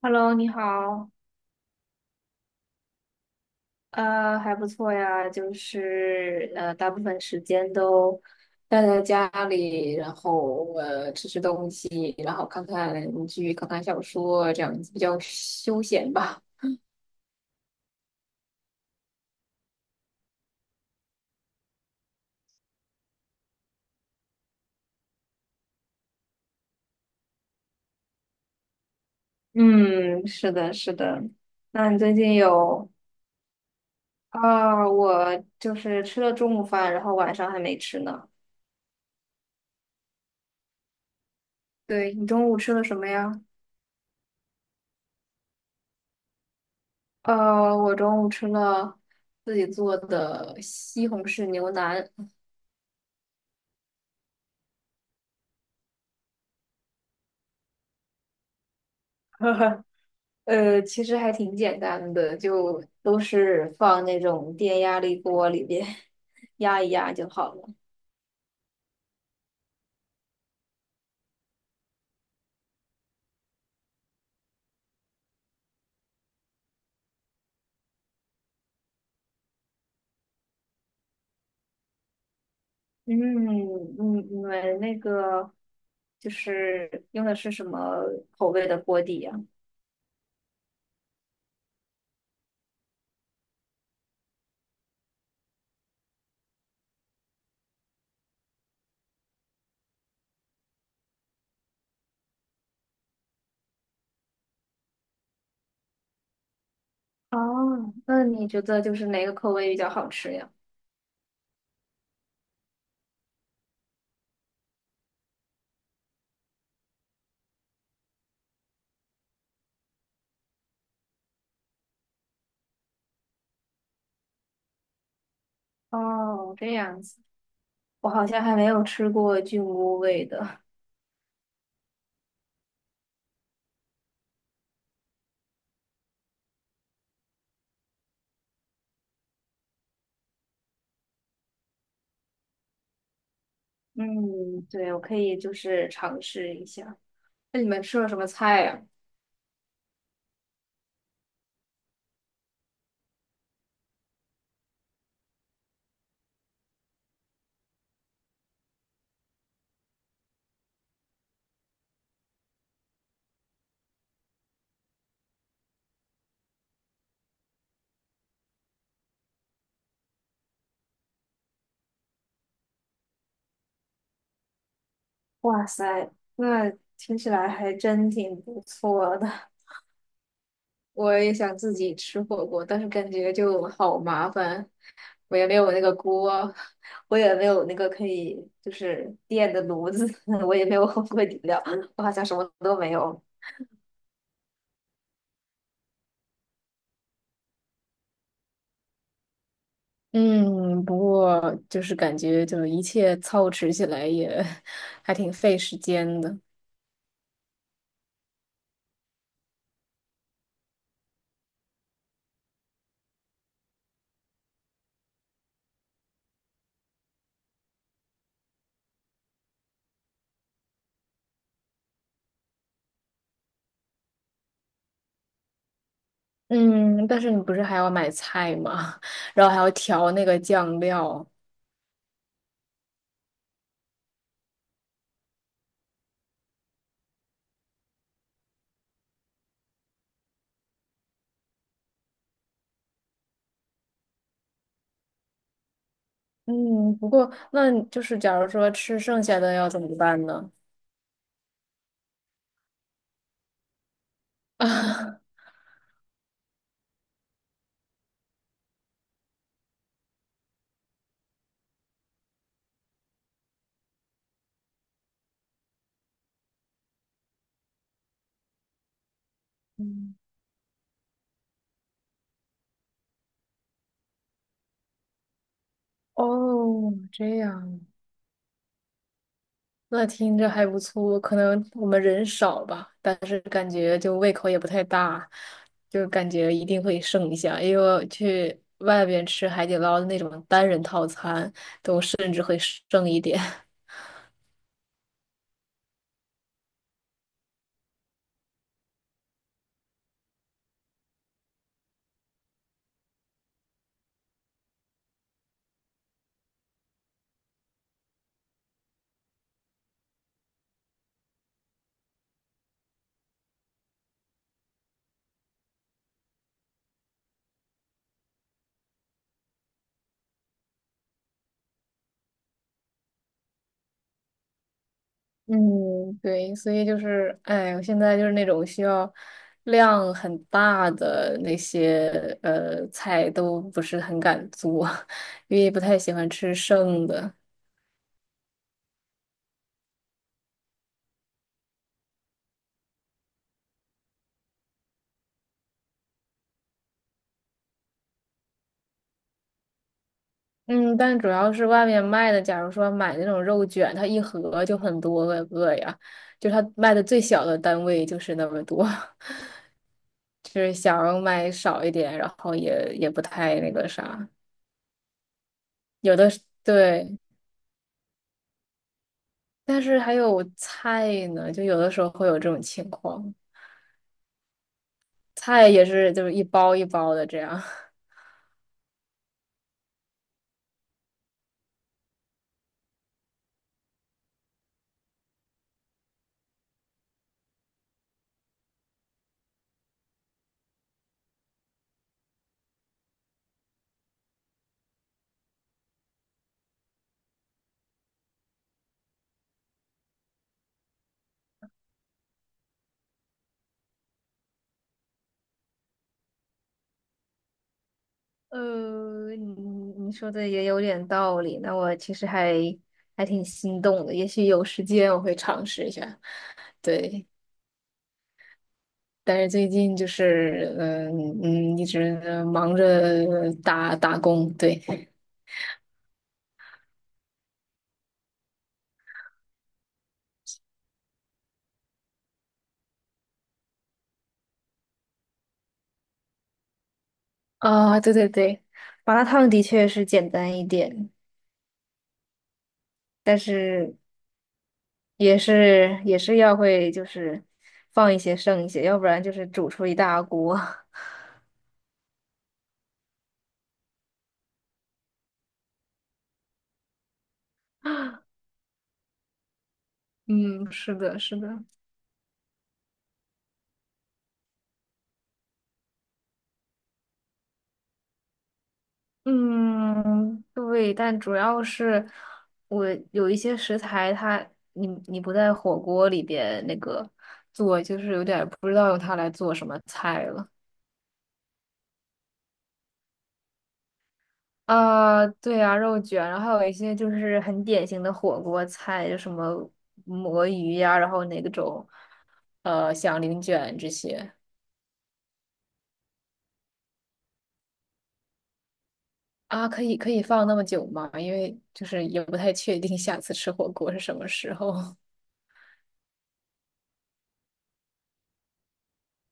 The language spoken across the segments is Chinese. Hello，你好，还不错呀，就是大部分时间都待在家里，然后吃吃东西，然后看看剧，看看小说，这样子比较休闲吧。嗯，是的，是的。那你最近有啊？我就是吃了中午饭，然后晚上还没吃呢。对，你中午吃了什么呀？我中午吃了自己做的西红柿牛腩。其实还挺简单的，就都是放那种电压力锅里边 压一压就好了。嗯，你你们那个就是用的是什么口味的锅底呀？哦，那你觉得就是哪个口味比较好吃呀？哦，这样子，我好像还没有吃过菌菇味的。嗯，对，我可以就是尝试一下。那你们吃了什么菜呀？哇塞，那听起来还真挺不错的。我也想自己吃火锅，但是感觉就好麻烦，我也没有那个锅，我也没有那个可以就是电的炉子，我也没有火锅底料，我好像什么都没有。嗯，不过就是感觉就是一切操持起来也 还挺费时间的。嗯，但是你不是还要买菜吗？然后还要调那个酱料。嗯，不过那就是假如说吃剩下的要怎么办呢？啊，嗯，哦，这样，那听着还不错。可能我们人少吧，但是感觉就胃口也不太大，就感觉一定会剩一下，因为我去外边吃海底捞的那种单人套餐，甚至会剩一点。嗯，对，所以就是，哎，我现在就是那种需要量很大的那些菜都不是很敢做，因为不太喜欢吃剩的。嗯，但主要是外面卖的，假如说买那种肉卷，它一盒就很多个个呀，就它卖的最小的单位就是那么多，就是想要买少一点，然后也不太那个啥，有的对。但是还有菜呢，就有的时候会有这种情况。菜也是就是一包一包的这样。呃，你你说的也有点道理，那我其实还挺心动的，也许有时间我会尝试一下。对，但是最近就是一直忙着打打工，对。啊，对对对，麻辣烫的确是简单一点，但是也是要会就是放一些剩一些，要不然就是煮出一大锅。嗯，是的，是的。嗯，对，但主要是我有一些食材它，你不在火锅里边那个做，就是有点儿不知道用它来做什么菜了。啊、对啊，肉卷，然后还有一些就是很典型的火锅菜，就什么魔芋呀、然后那种响铃卷这些啊，可以可以放那么久吗？因为就是也不太确定下次吃火锅是什么时候。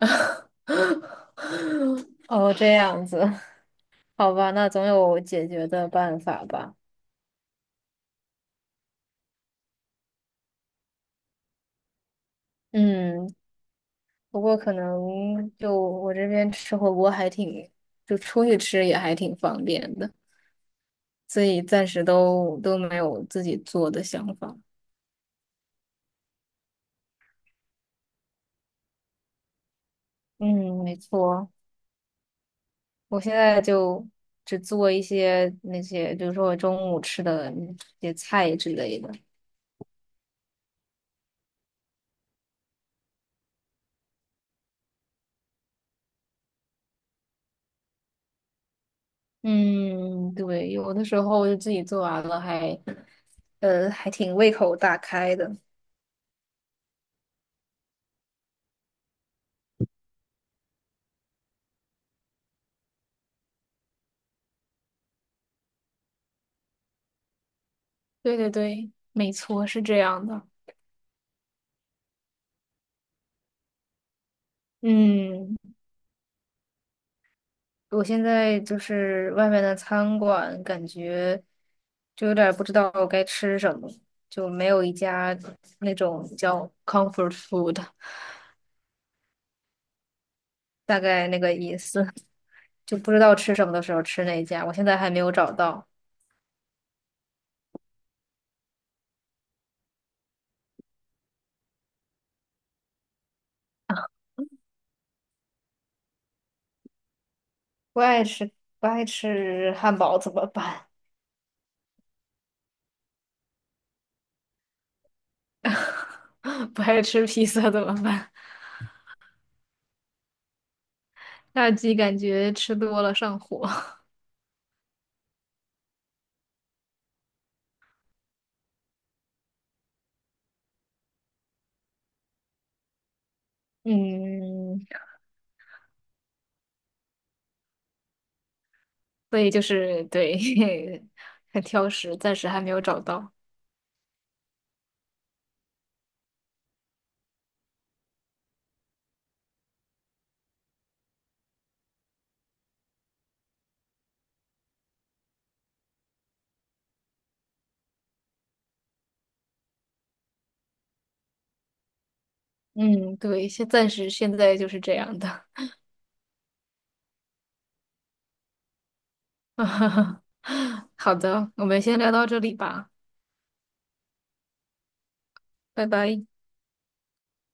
哦，这样子，好吧，那总有解决的办法吧。嗯，不过可能就我这边吃火锅还挺，就出去吃也还挺方便的，所以暂时都没有自己做的想法。嗯，没错，我现在就只做一些那些，比如说我中午吃的那些菜之类的。嗯，对，有的时候就自己做完了还。还挺胃口大开的。对对对，没错，是这样的。嗯，我现在就是外面的餐馆，感觉就有点儿不知道该吃什么，就没有一家那种叫 comfort food，大概那个意思，就不知道吃什么的时候吃那一家，我现在还没有找到。啊不爱吃不爱吃汉堡怎么办？不爱吃披萨怎么办？炸鸡感觉吃多了上火。嗯，所以就是对，很挑食，暂时还没有找到。嗯，对，现暂时现在就是这样的。好的，我们先聊到这里吧，拜拜。